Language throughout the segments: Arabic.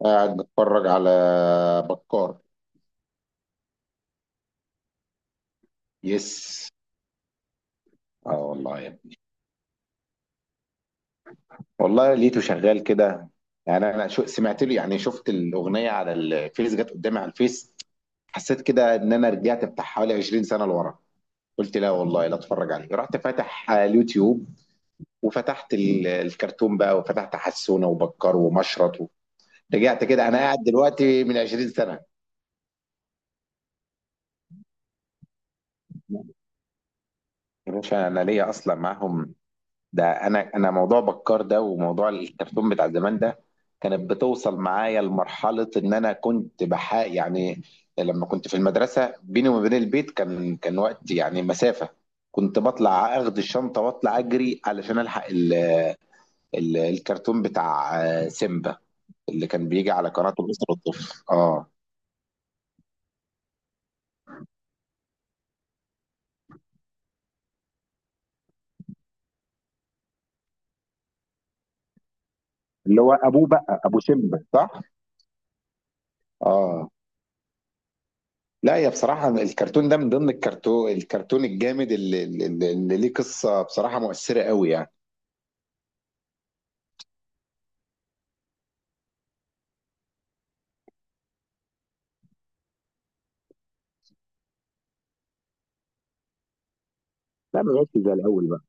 قاعد بتفرج على بكار. يس، اه والله يا ابني. والله لقيته شغال كده، انا سمعت له، شفت الاغنيه على الفيس، جت قدامي على الفيس. حسيت كده ان انا رجعت بتاع حوالي 20 سنه لورا. قلت لا والله لا اتفرج عليه، رحت فاتح على اليوتيوب وفتحت الكرتون بقى، وفتحت حسونه وبكار ومشرط رجعت كده. انا قاعد دلوقتي من 20 سنه. يا باشا انا ليا اصلا معاهم، ده انا موضوع بكار ده وموضوع الكرتون بتاع زمان ده كانت بتوصل معايا لمرحله ان انا كنت بحا يعني لما كنت في المدرسه بيني وما بين البيت كان وقت، يعني مسافه. كنت بطلع اخد الشنطه واطلع اجري علشان الحق ال ال الكرتون بتاع سيمبا، اللي كان بيجي على قناه الاسره والطفل. اه، اللي هو ابوه بقى، ابو سيمبا صح. اه لا، يا بصراحة الكرتون ده من ضمن الكرتون الجامد اللي ليه قصة بصراحة مؤثرة قوي يعني. لا ما بقتش زي الاول بقى،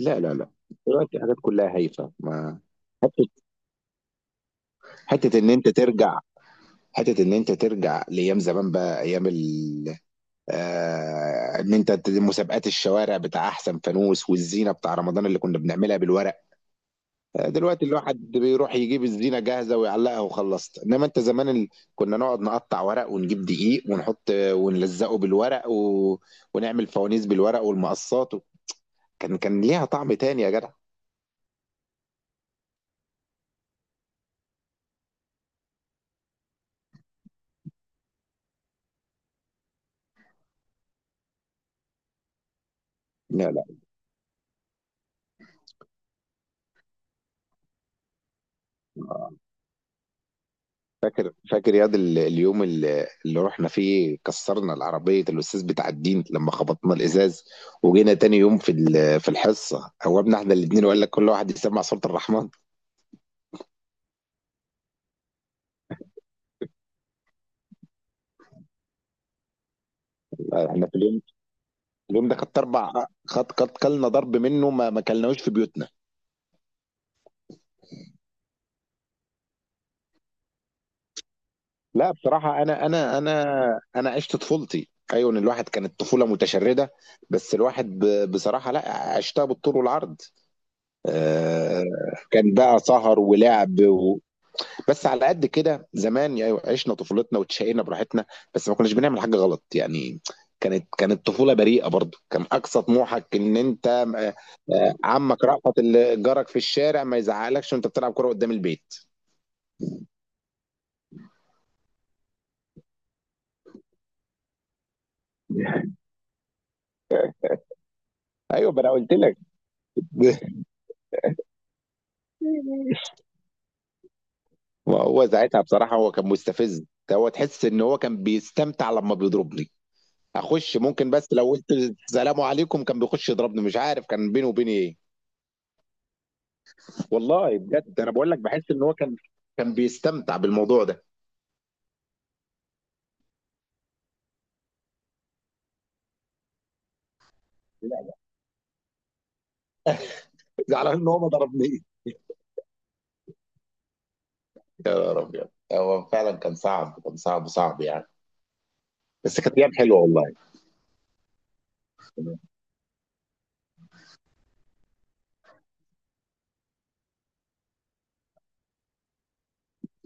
لا، دلوقتي الحاجات كلها هايفه. ما حته، حته ان انت ترجع لايام زمان بقى، ايام ال آه ان انت ت- مسابقات الشوارع بتاع احسن فانوس، والزينه بتاع رمضان اللي كنا بنعملها بالورق. دلوقتي الواحد بيروح يجيب الزينه جاهزه ويعلقها وخلصت، انما انت زمان. كنا نقعد نقطع ورق ونجيب دقيق ونحط ونلزقه بالورق، و... ونعمل فوانيس بالورق والمقصات. و... كان ليها طعم تاني يا جدع. لا لا، فاكر ياض اليوم اللي رحنا فيه كسرنا العربية، الأستاذ بتاع الدين لما خبطنا الإزاز وجينا تاني يوم في في الحصة، قومنا احنا الاتنين وقال لك كل واحد يسمع سورة الرحمن. احنا في اليوم، اليوم ده خدت اربع، خد كلنا ضرب منه، ما كلناهوش في بيوتنا. لا بصراحه، انا عشت طفولتي، ايوه، إن الواحد كانت طفوله متشرده. بس الواحد بصراحه لا، عشتها بالطول والعرض. آه، كان بقى سهر ولعب. و... بس على قد كده زمان يعني، عشنا طفولتنا وتشقينا براحتنا، بس ما كناش بنعمل حاجه غلط يعني. كانت طفوله بريئه، برضو كان اقصى طموحك ان انت عمك رأفت اللي جارك في الشارع ما يزعقلكش وانت بتلعب كرة قدام البيت. أيوه ما أنا قُلت لك. ما هو ساعتها بصراحة هو كان مستفز، هو تحس إن هو كان بيستمتع لمّا بيضربني، أخُش ممكن بس لو قُلت السلام عليكم كان بيخُش يضربني، مش عارف كان بينه وبيني إيه. والله بجد أنا باقول لك باحس إن هو كان بيستمتع بالموضوع ده. زعلان إن هو ما ضربنيش. يا نهار أبيض! هو فعلًا كان صعب، كان صعب، صعب يعني. بس كانت أيام حلوة والله.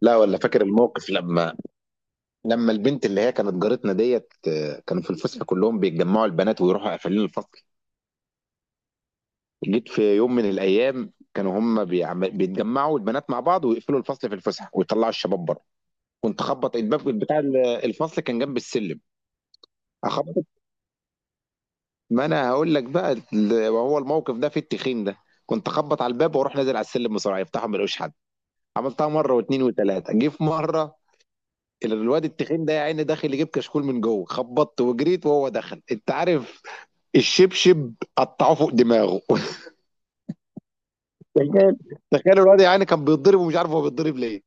لا والّا فاكر الموقف لما البنت اللي هي كانت جارتنا ديت، كانوا في الفسحه كلهم بيتجمعوا البنات ويروحوا قافلين الفصل. جيت في يوم من الايام كانوا هم بيتجمعوا البنات مع بعض ويقفلوا الفصل في الفسحه ويطلعوا الشباب بره. كنت اخبط الباب بتاع الفصل، كان جنب السلم. اخبط، ما انا هقول لك بقى ال- وهو الموقف ده في التخين ده. كنت اخبط على الباب واروح نازل على السلم بسرعه، يفتحوا ما يلاقوش حد. عملتها مره واثنين وثلاثه، جه في مره الواد التخين ده يا عيني داخل يجيب كشكول من جوه، خبطت وجريت وهو دخل. انت عارف، الشبشب قطعوه فوق دماغه. تخيل، تخيل الواد يعني كان بيتضرب ومش عارف هو بيتضرب ليه.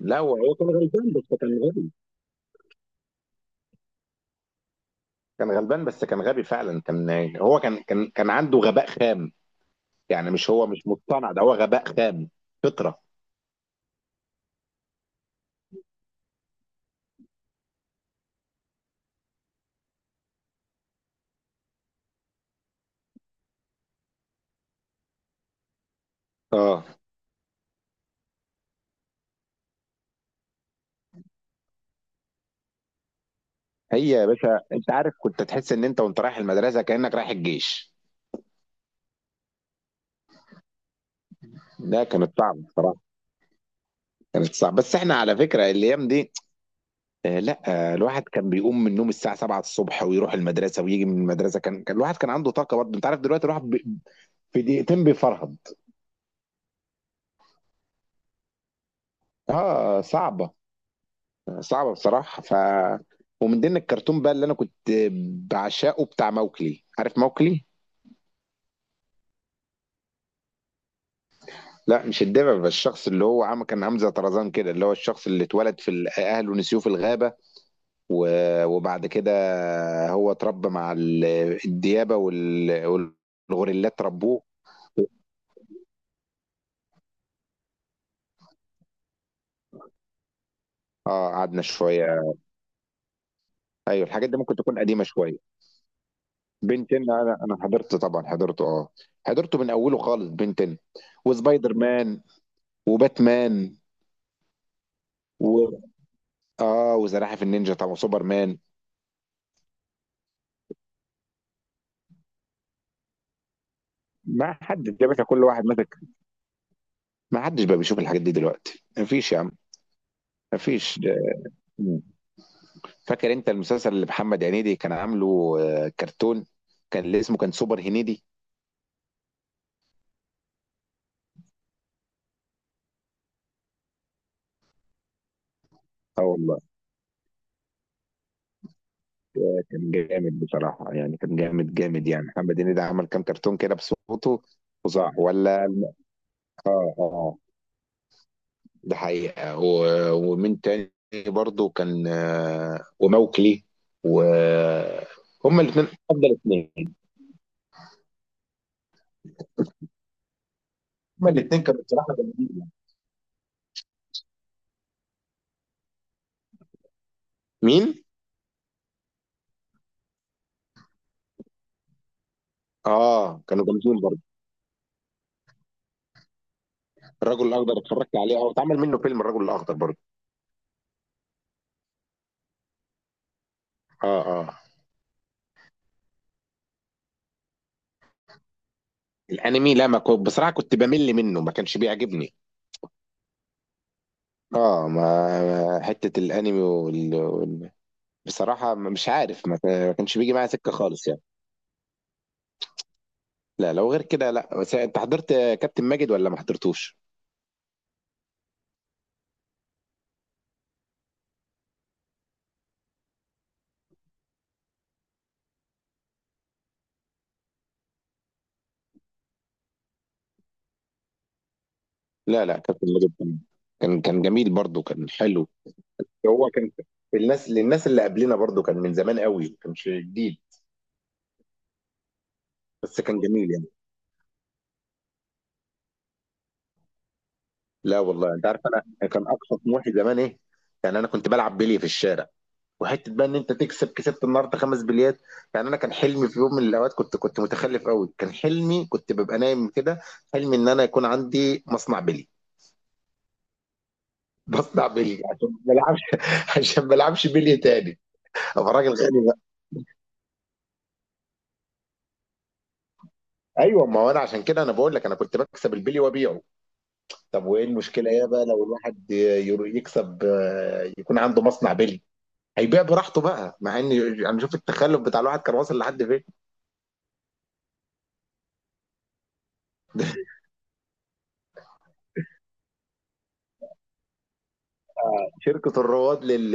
لا هو، كان غلبان بس كان غبي فعلا. كان هو كان كان كان عنده غباء خام يعني، مش هو مش مصطنع، ده هو غباء خام فطرة. اه، هي يا باشا، انت عارف كنت تحس ان انت وانت رايح المدرسة كأنك رايح الجيش. ده كانت صعبة الصراحة، كانت صعبة. بس احنا على فكرة الايام دي، آه لا آه، الواحد كان بيقوم من النوم الساعة 7 الصبح ويروح المدرسة ويجي من المدرسة، كان الواحد كان عنده طاقة برضه. انت عارف دلوقتي الواحد في دقيقتين بيفرهد. اه صعبة، صعبة بصراحة. ومن ضمن الكرتون بقى اللي انا كنت بعشقه، بتاع موكلي، عارف موكلي؟ لا مش الدببة، بس الشخص اللي هو عم كان عامل زي طرزان كده، اللي هو الشخص اللي اتولد في اهله نسيوه في الغابة وبعد كده هو اتربى مع الديابة والغوريلات ربوه. اه قعدنا شوية. ايوه الحاجات دي ممكن تكون قديمه شويه. بين 10، انا حضرت طبعا، حضرته. اه، حضرته من اوله خالص، بين 10 وسبايدر مان وباتمان، و اه وزراحف النينجا طبعا، وسوبرمان. ما حد يا باشا، كل واحد ماسك، ما حدش بقى بيشوف الحاجات دي دلوقتي، ما فيش يا عم. ما فيش. فاكر انت المسلسل اللي محمد هنيدي كان عامله، كرتون، اللي اسمه كان سوبر هنيدي؟ اه والله. كان جامد بصراحه يعني، كان جامد يعني. محمد هنيدي عمل كام كرتون كده بصوته؟ فظاع ولا. اه اه، ده حقيقة. ومن تاني برضو كان وموكلي، و هما الاثنين افضل اثنين، هما الاثنين كانوا بصراحة جامدين. مين؟ اه كانوا جامدين برضو. الرجل الاخضر اتفرجت عليه، اه اتعمل منه فيلم الرجل الاخضر برضو. اه اه الانمي لا، ما كنت بصراحة كنت بمل منه، ما كانش بيعجبني. اه، حتة الانمي بصراحة مش عارف، ما كانش بيجي معايا سكة خالص يعني. لا لو غير كده لا، بس انت حضرت كابتن ماجد ولا ما حضرتوش؟ لا لا، كان فيلم جدا، كان جميل برضه، كان حلو. هو كان الناس اللي قبلنا برضه، كان من زمان قوي، ما كانش جديد، بس كان جميل يعني. لا والله انت عارف انا كان اقصى طموحي زمان ايه؟ يعني انا كنت بلعب بلي في الشارع، وحته بقى ان انت تكسب، كسبت النهارده خمس بليات. يعني انا كان حلمي في يوم من الاوقات، كنت متخلف قوي، كان حلمي، كنت ببقى نايم كده، حلمي ان انا يكون عندي مصنع بلي، بصنع بلي عشان ما بلعبش عشان ما بلعبش بلي تاني. ابقى راجل غني. ايوه، ما هو انا عشان كده انا بقول لك انا كنت بكسب البلي وابيعه. طب وايه المشكله ايه بقى لو الواحد يكسب، يكون عنده مصنع بلي، هيبيع براحته بقى. مع ان انا شوف التخلف بتاع الواحد كان واصل لحد فين. شركه الرواد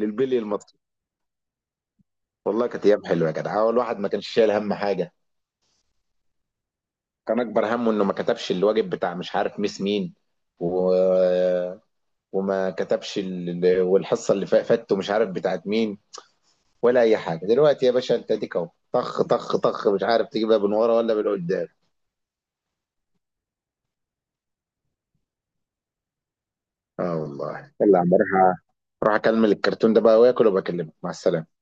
للبلي المصري. والله كانت ايام حلوه يا جدع، هو الواحد ما كانش شايل هم حاجه. كان اكبر همه انه ما كتبش الواجب بتاع مش عارف ميس مين، و... والحصه اللي فاتته مش عارف بتاعت مين، ولا اي حاجه. دلوقتي يا باشا انت اديك اهو، طخ طخ طخ، مش عارف تجيبها من ورا ولا من قدام. اه والله، يلا يا عم اروح، أ- اروح اكمل الكرتون ده بقى واكل، وبكلمك. مع السلامه.